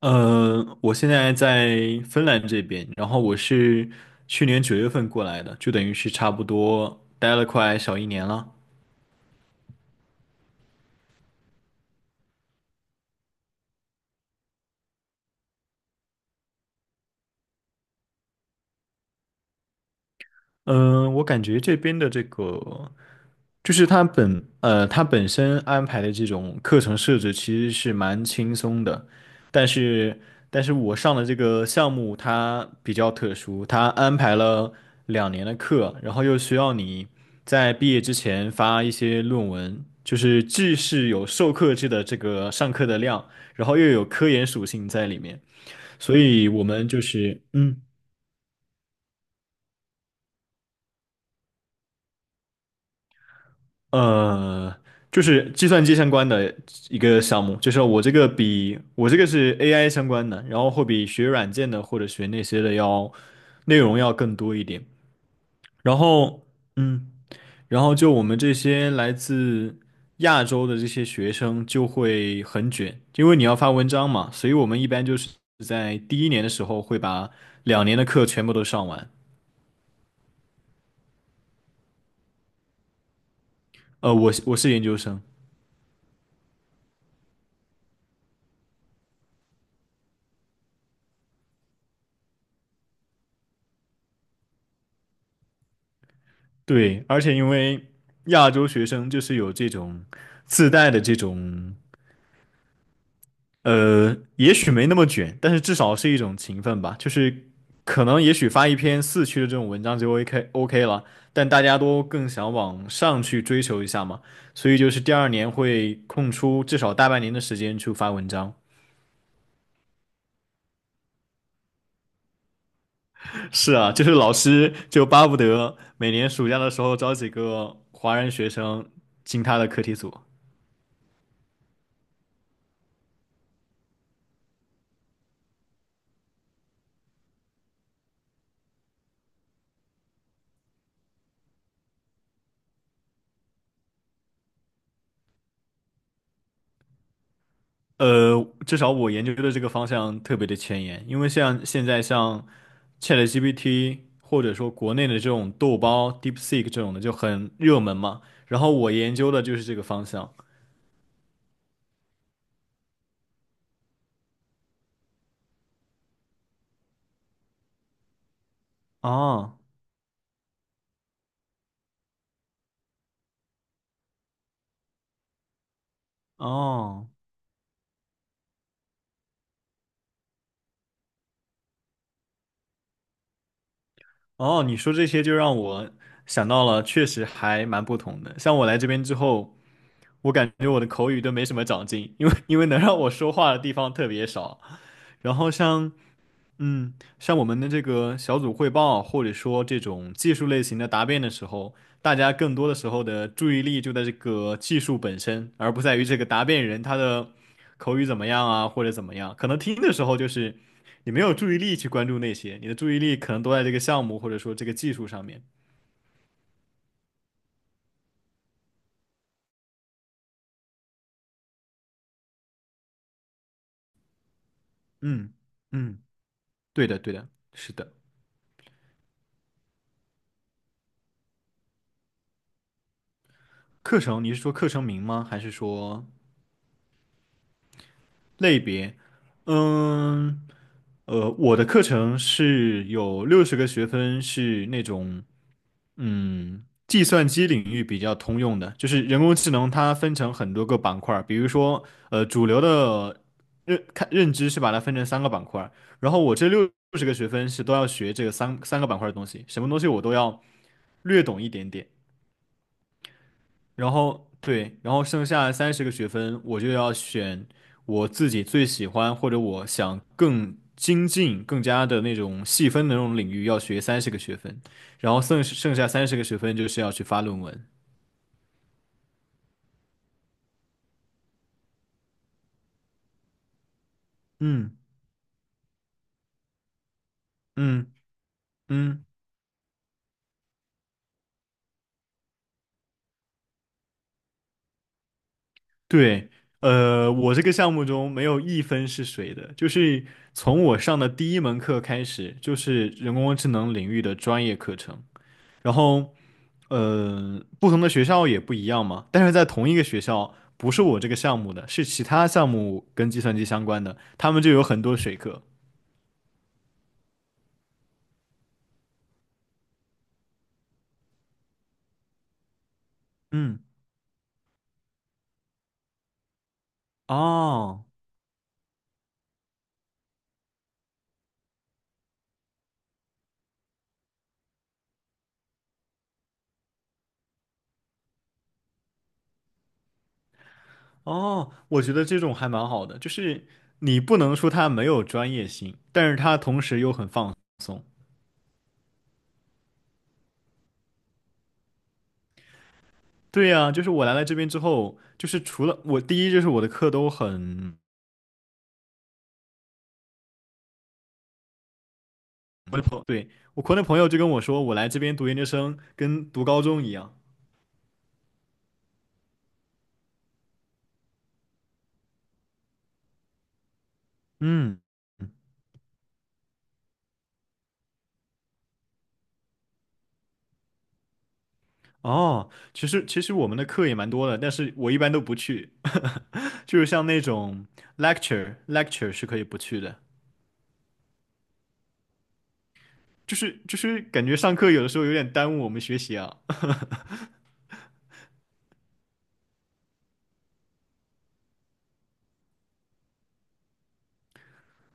我现在在芬兰这边，然后我是去年九月份过来的，就等于是差不多待了快小一年了。嗯、我感觉这边的这个就是他本身安排的这种课程设置其实是蛮轻松的，但是但是我上的这个项目它比较特殊，它安排了两年的课，然后又需要你在毕业之前发一些论文，就是既是有授课制的这个上课的量，然后又有科研属性在里面，所以我们就是。呃，就是计算机相关的一个项目，就是我这个是 AI 相关的，然后会比学软件的或者学那些的要内容要更多一点。然后，嗯，然后就我们这些来自亚洲的这些学生就会很卷，因为你要发文章嘛，所以我们一般就是在第一年的时候会把两年的课全部都上完。我是研究生。对，而且因为亚洲学生就是有这种自带的这种，也许没那么卷，但是至少是一种勤奋吧。就是可能也许发一篇4区的这种文章就 OK 了，但大家都更想往上去追求一下嘛，所以就是第二年会空出至少大半年的时间去发文章。是啊，就是老师就巴不得每年暑假的时候招几个华人学生进他的课题组。呃，至少我研究的这个方向特别的前沿，因为像现在像 ChatGPT 或者说国内的这种豆包 DeepSeek 这种的就很热门嘛，然后我研究的就是这个方向。哦哦哦，你说这些就让我想到了，确实还蛮不同的。像我来这边之后，我感觉我的口语都没什么长进，因为能让我说话的地方特别少。然后像我们的这个小组汇报，或者说这种技术类型的答辩的时候，大家更多的时候的注意力就在这个技术本身，而不在于这个答辩人他的口语怎么样啊，或者怎么样。可能听的时候就是你没有注意力去关注那些，你的注意力可能都在这个项目或者说这个技术上面。嗯嗯，对的对的，是的。课程，你是说课程名吗？还是说类别？嗯。我的课程是有六十个学分，是那种计算机领域比较通用的，就是人工智能它分成很多个板块儿，比如说主流的认知是把它分成三个板块儿，然后我这六十个学分是都要学这个三个板块儿的东西，什么东西我都要略懂一点点。然后对，然后剩下三十个学分，我就要选我自己最喜欢或者我想更精进、更加的那种细分的那种领域，要学三十个学分，然后剩下三十个学分就是要去发论文。嗯嗯嗯，对，我这个项目中没有一分是水的，就是从我上的第一门课开始，就是人工智能领域的专业课程。然后，不同的学校也不一样嘛，但是在同一个学校，不是我这个项目的，是其他项目跟计算机相关的，他们就有很多水课。嗯，哦哦，我觉得这种还蛮好的，就是你不能说它没有专业性，但是它同时又很放。对呀，就是我来了这边之后，就是除了我第一就是我的课都很，对，我国内朋友就跟我说，我来这边读研究生跟读高中一样。嗯。哦，其实我们的课也蛮多的，但是我一般都不去，就是像那种 lecture 是可以不去的，就是感觉上课有的时候有点耽误我们学习啊。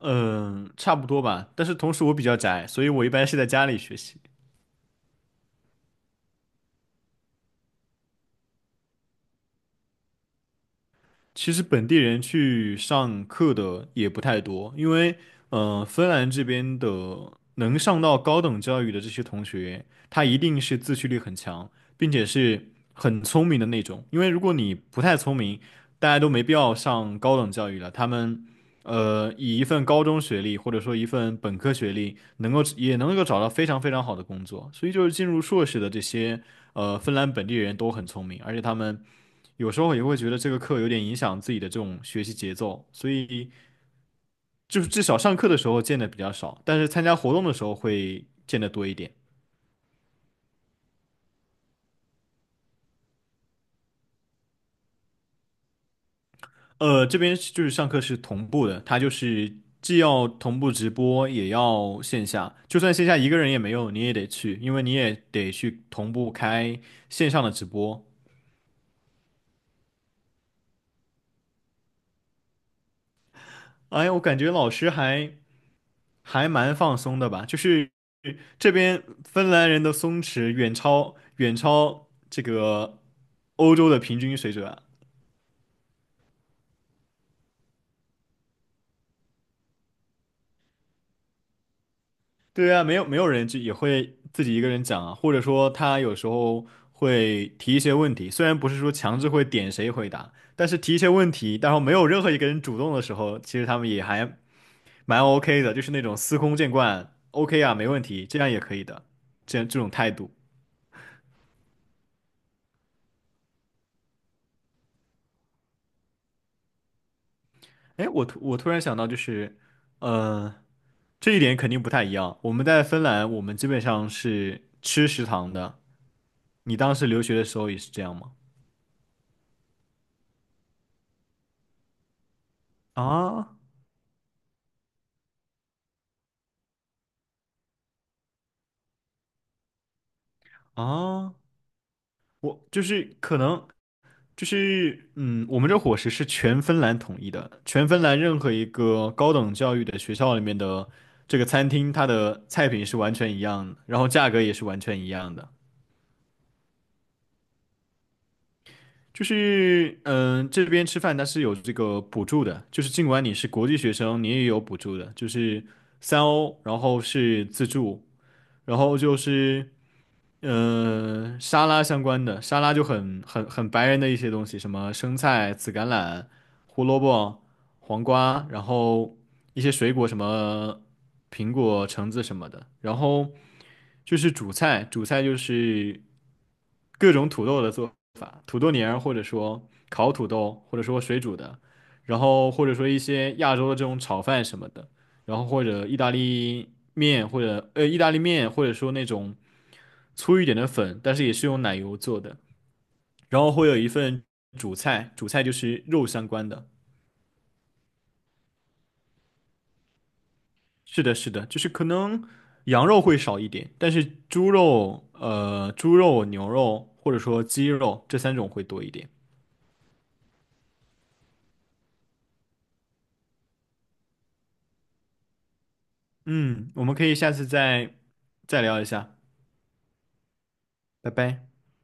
嗯，差不多吧，但是同时我比较宅，所以我一般是在家里学习。其实本地人去上课的也不太多，因为芬兰这边的能上到高等教育的这些同学，他一定是自驱力很强，并且是很聪明的那种。因为如果你不太聪明，大家都没必要上高等教育了。他们以一份高中学历或者说一份本科学历，能够也能够找到非常非常好的工作。所以就是进入硕士的这些芬兰本地人都很聪明，而且他们有时候也会觉得这个课有点影响自己的这种学习节奏，所以就是至少上课的时候见的比较少，但是参加活动的时候会见的多一点。这边就是上课是同步的，它就是既要同步直播，也要线下。就算线下一个人也没有，你也得去，因为你也得去同步开线上的直播。哎我感觉老师还蛮放松的吧，就是这边芬兰人的松弛远超这个欧洲的平均水准啊。对啊，没有人就也会自己一个人讲啊，或者说他有时候会提一些问题，虽然不是说强制会点谁回答，但是提一些问题，然后没有任何一个人主动的时候，其实他们也还蛮 OK 的，就是那种司空见惯，OK 啊，没问题，这样也可以的，这样这种态度。哎，我突然想到，就是，呃，这一点肯定不太一样。我们在芬兰，我们基本上是吃食堂的。你当时留学的时候也是这样吗？啊？啊，我就是可能就是我们这伙食是全芬兰统一的，全芬兰任何一个高等教育的学校里面的这个餐厅，它的菜品是完全一样的，然后价格也是完全一样的。就是这边吃饭它是有这个补助的，就是尽管你是国际学生，你也有补助的，就是3欧，然后是自助，然后就是。沙拉相关的，沙拉就很白人的一些东西，什么生菜、紫甘蓝、胡萝卜、黄瓜，然后一些水果，什么苹果、橙子什么的。然后就是主菜，主菜就是各种土豆的做法，土豆泥儿，或者说烤土豆，或者说水煮的，然后或者说一些亚洲的这种炒饭什么的，然后或者意大利面，或者说那种。粗一点的粉，但是也是用奶油做的。然后会有一份主菜，主菜就是肉相关的。是的，是的，就是可能羊肉会少一点，但是猪肉、牛肉或者说鸡肉这三种会多一点。嗯，我们可以下次再聊一下，拜拜。